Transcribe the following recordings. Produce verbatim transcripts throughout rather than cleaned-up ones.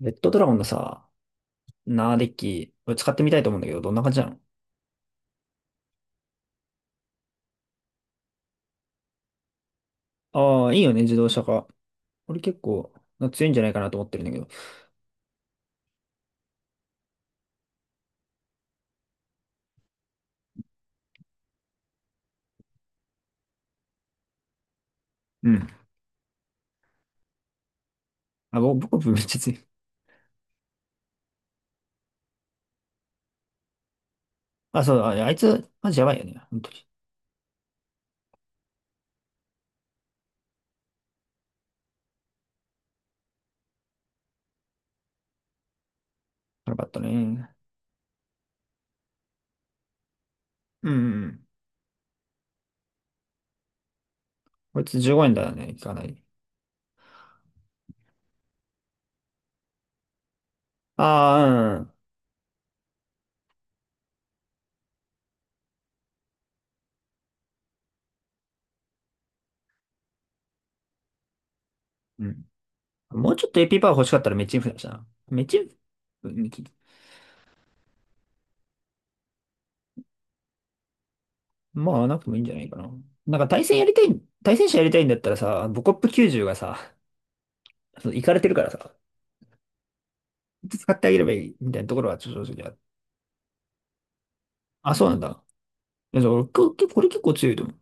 レッドドラゴンのさ、ナーデッキ、これ使ってみたいと思うんだけど、どんな感じなの？ああー、いいよね、自動車化。俺結構、強いんじゃないかなと思ってるんだけど。うん。あ、ぼ僕、めっちゃ強い。あ、そう、あ、あいつ、マジやばいよね。本当に。やばかったね。うんうんうん。こいつじゅうごえんだよね、かなり。あうん。うん。うん。もうちょっと エーピー パワー欲しかったらメチンフだしな。メチンフ、う。まあ、なくてもいいんじゃないかな。なんか対戦やりたい、対戦者やりたいんだったらさ、ボコップきゅうじゅうがさ、そうイカれてるからさ。使ってあげればいいみたいなところは正直ある。あ、そうなんだ。いやじ俺、こ結構これ結構強いと思う。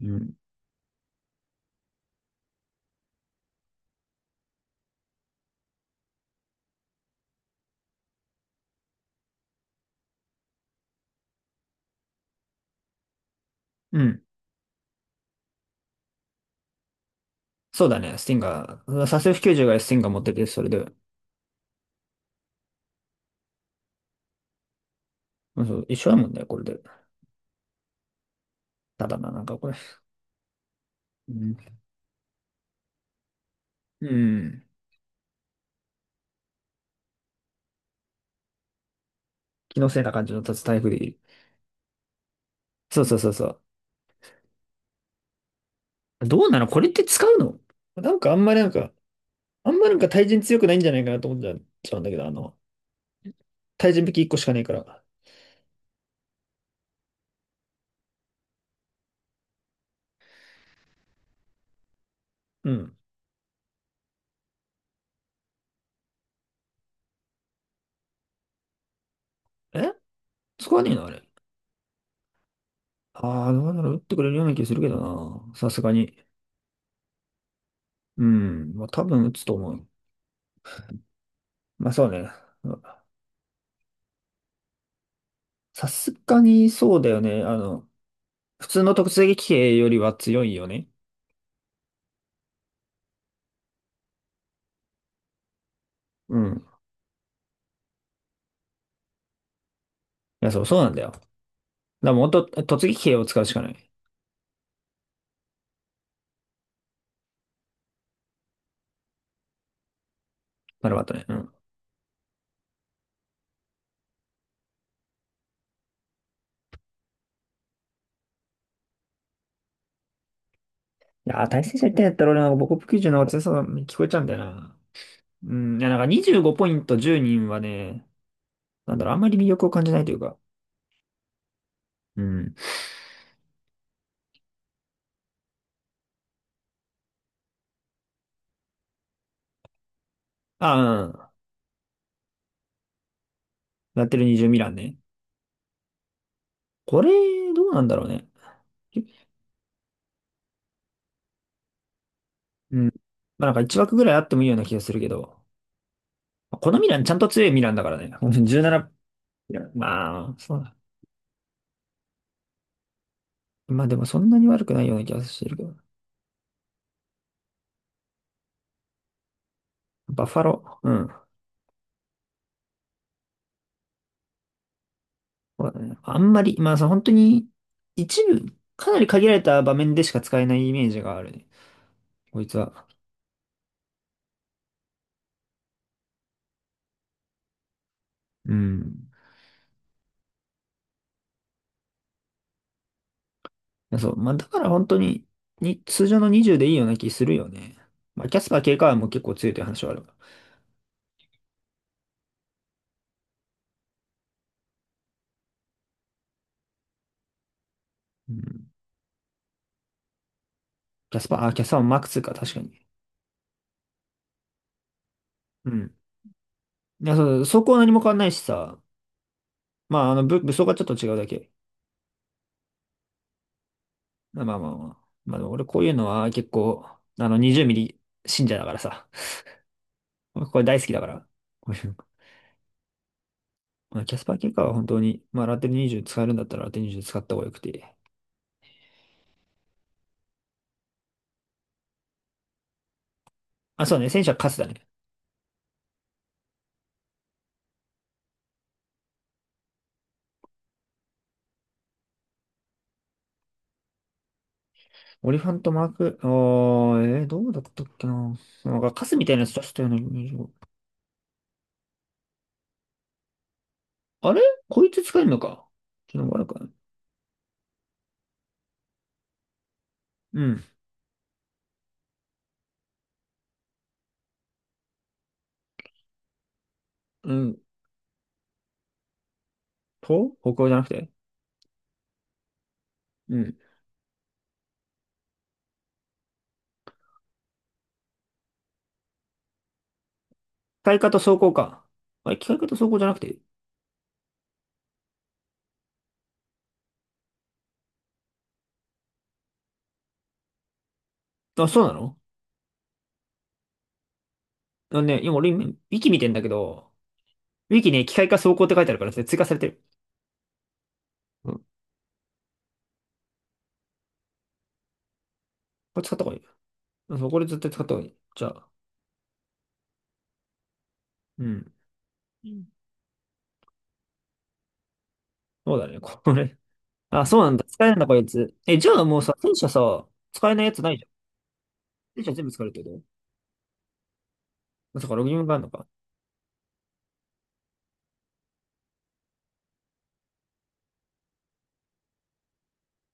うん。うん。そうだね、スティンガー。サセフきゅうじゅうがスティンガー持ってて、それで。うんそう、一緒だもんね、これで。ただな、なんかこれ。うん。うん。気のせいな感じの立つタイプでいい。そうそうそうそう。どうなのこれって使うの？なんかあんまりなんか、あんまなんか対人強くないんじゃないかなと思っちゃうんだけど、あの、対人きいっこしかねえから。うん。え、使わねえのあれ。ああ、どうなの打ってくれるような気するけどな。さすがに。うん、まあ、多分打つと思う。まあそうね。さすがにそうだよね。あの、普通の突撃兵よりは強いよね。うん。いや、そう、そうなんだよ。だからもっと突撃兵を使うしかない。なるほどね。うん。いやー、対戦者みたいやったら俺なんか母国球児の方が強さに聞こえちゃうんだよな。うん。いや、なんかにじゅうごポイントじゅうにんはね、なんだろう、あんまり魅力を感じないというか。うん。ああ、うん。やってるにじゅうミランね。これ、どうなんだろうね。うん。まあなんかいち枠ぐらいあってもいいような気がするけど。このミラン、ちゃんと強いミランだからね。じゅうなな、まあ、そうだ。まあでもそんなに悪くないような気がしてるけど。バッファロー。うん。そうだね。あんまり、まあさ、本当に、一部、かなり限られた場面でしか使えないイメージがあるね。こいつは。うん。そう。まあだから本当に、に、通常のにじゅうでいいような気するよね。まあキャスパー警官も結構強いという話はあるが。うん。キャスパー、あ、キャスパーもマックスか、確かに。うん。いや、そう、そこは何も変わんないしさ。まあ、あの、ぶ武装がちょっと違うだけ。まあまあまあまあ。まあでも俺こういうのは結構、あの、にじゅうミリ信者だからさ。これ大好きだから。こういうの。まあ、キャスパー結果は本当に、まあラテルにじゅう使えるんだったらラテルにじゅう使った方がよくて。あ、そうね。戦車カスだね。オリファントマーク、あー、えー、どうだったっけな。なんかカスみたいなやつ出したよね。にじゅうご。あれこいつ使えるのか。ちょっと悪くない。うん。うん。と歩行じゃなくて。うん。機械化と走行か。あれ、機械化と走行じゃなくて。あ、そうなの？あのね、今俺今、息見てんだけど、ウィキね、機械化走行って書いてあるから、それ追加されてる。うん、これ使った方がいい。うんそう、これ絶対使った方がいい。じゃあ、うん。うんそうだね、これ。あ、そうなんだ。使えるんだ、こいつ。え、じゃあもうさ、戦車さ、使えないやつないじゃん。戦車全部使えるってことだから、ログインがあるのか。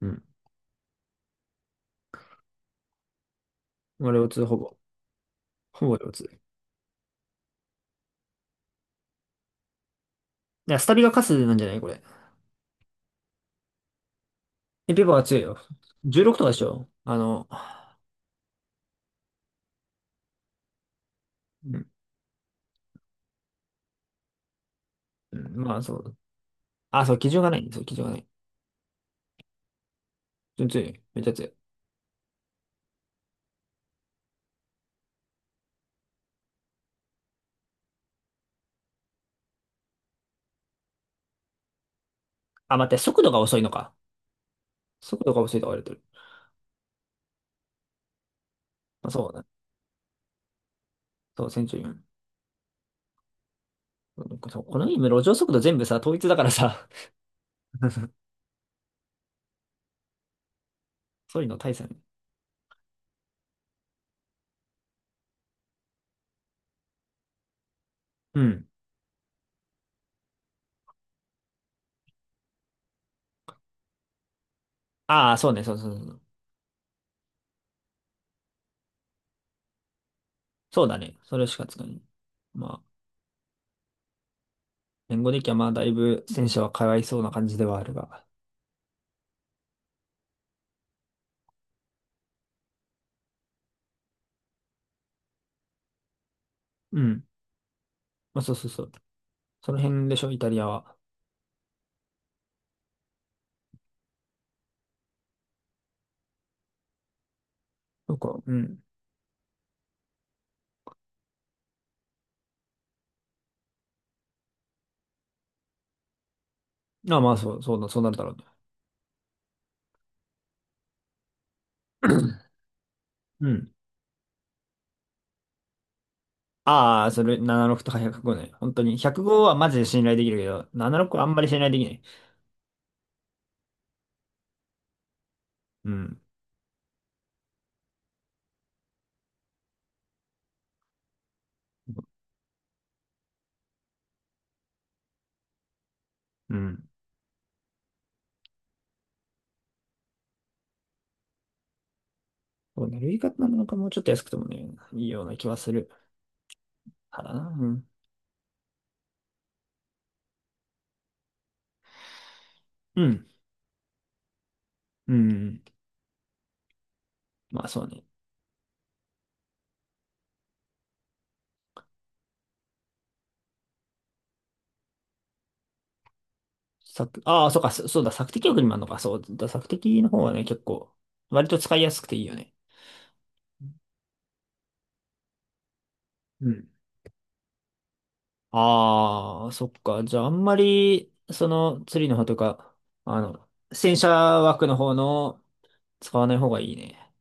うん。まあ、レ通ツーほぼ。ほぼレツー。いや、スタビがカスなんじゃないこれ。え、ペパは強いよ。じゅうろくとかでしょあの、うんうんまあ、そう。あ、そう、基準がないんでそう、基準がない。全然強い。めっちゃ強い。あ、待って、速度が遅いのか。速度が遅いとか言われてる。まあ、そうだね。そう、戦中。なんかさ、この今、路上速度全部さ、統一だからさ、そういうの大差ね。うん。ああ、そうね、そうそうそうそう。そうだね。それしか使えない。まあ、言語的にはまあ、だいぶ戦車はかわいそうな感じではあるが。うん。まあ、そうそうそう。その辺でしょ、イタリアは。なんか、うん。ああ、まあ、そう、そうだ、そうなるだろうね。うん。ああ、それ、ななろくとかひゃくごね。本当に。ひゃくごはマジで信頼できるけど、ななろくはあんまり信頼できない。うん。うん。そうね、ルイカなのかもうちょっと安くてもね、いいような気はする。からな。うん。うんうん。まあそうね。作、ああ、そうか、そそうだ、索敵力にもあるのか。そうだ、索敵の方はね、結構、割と使いやすくていいよね。うん。ああ、そっか。じゃあ、あんまり、その、釣りの方とか、あの、戦車枠の方の。使わない方がいいね。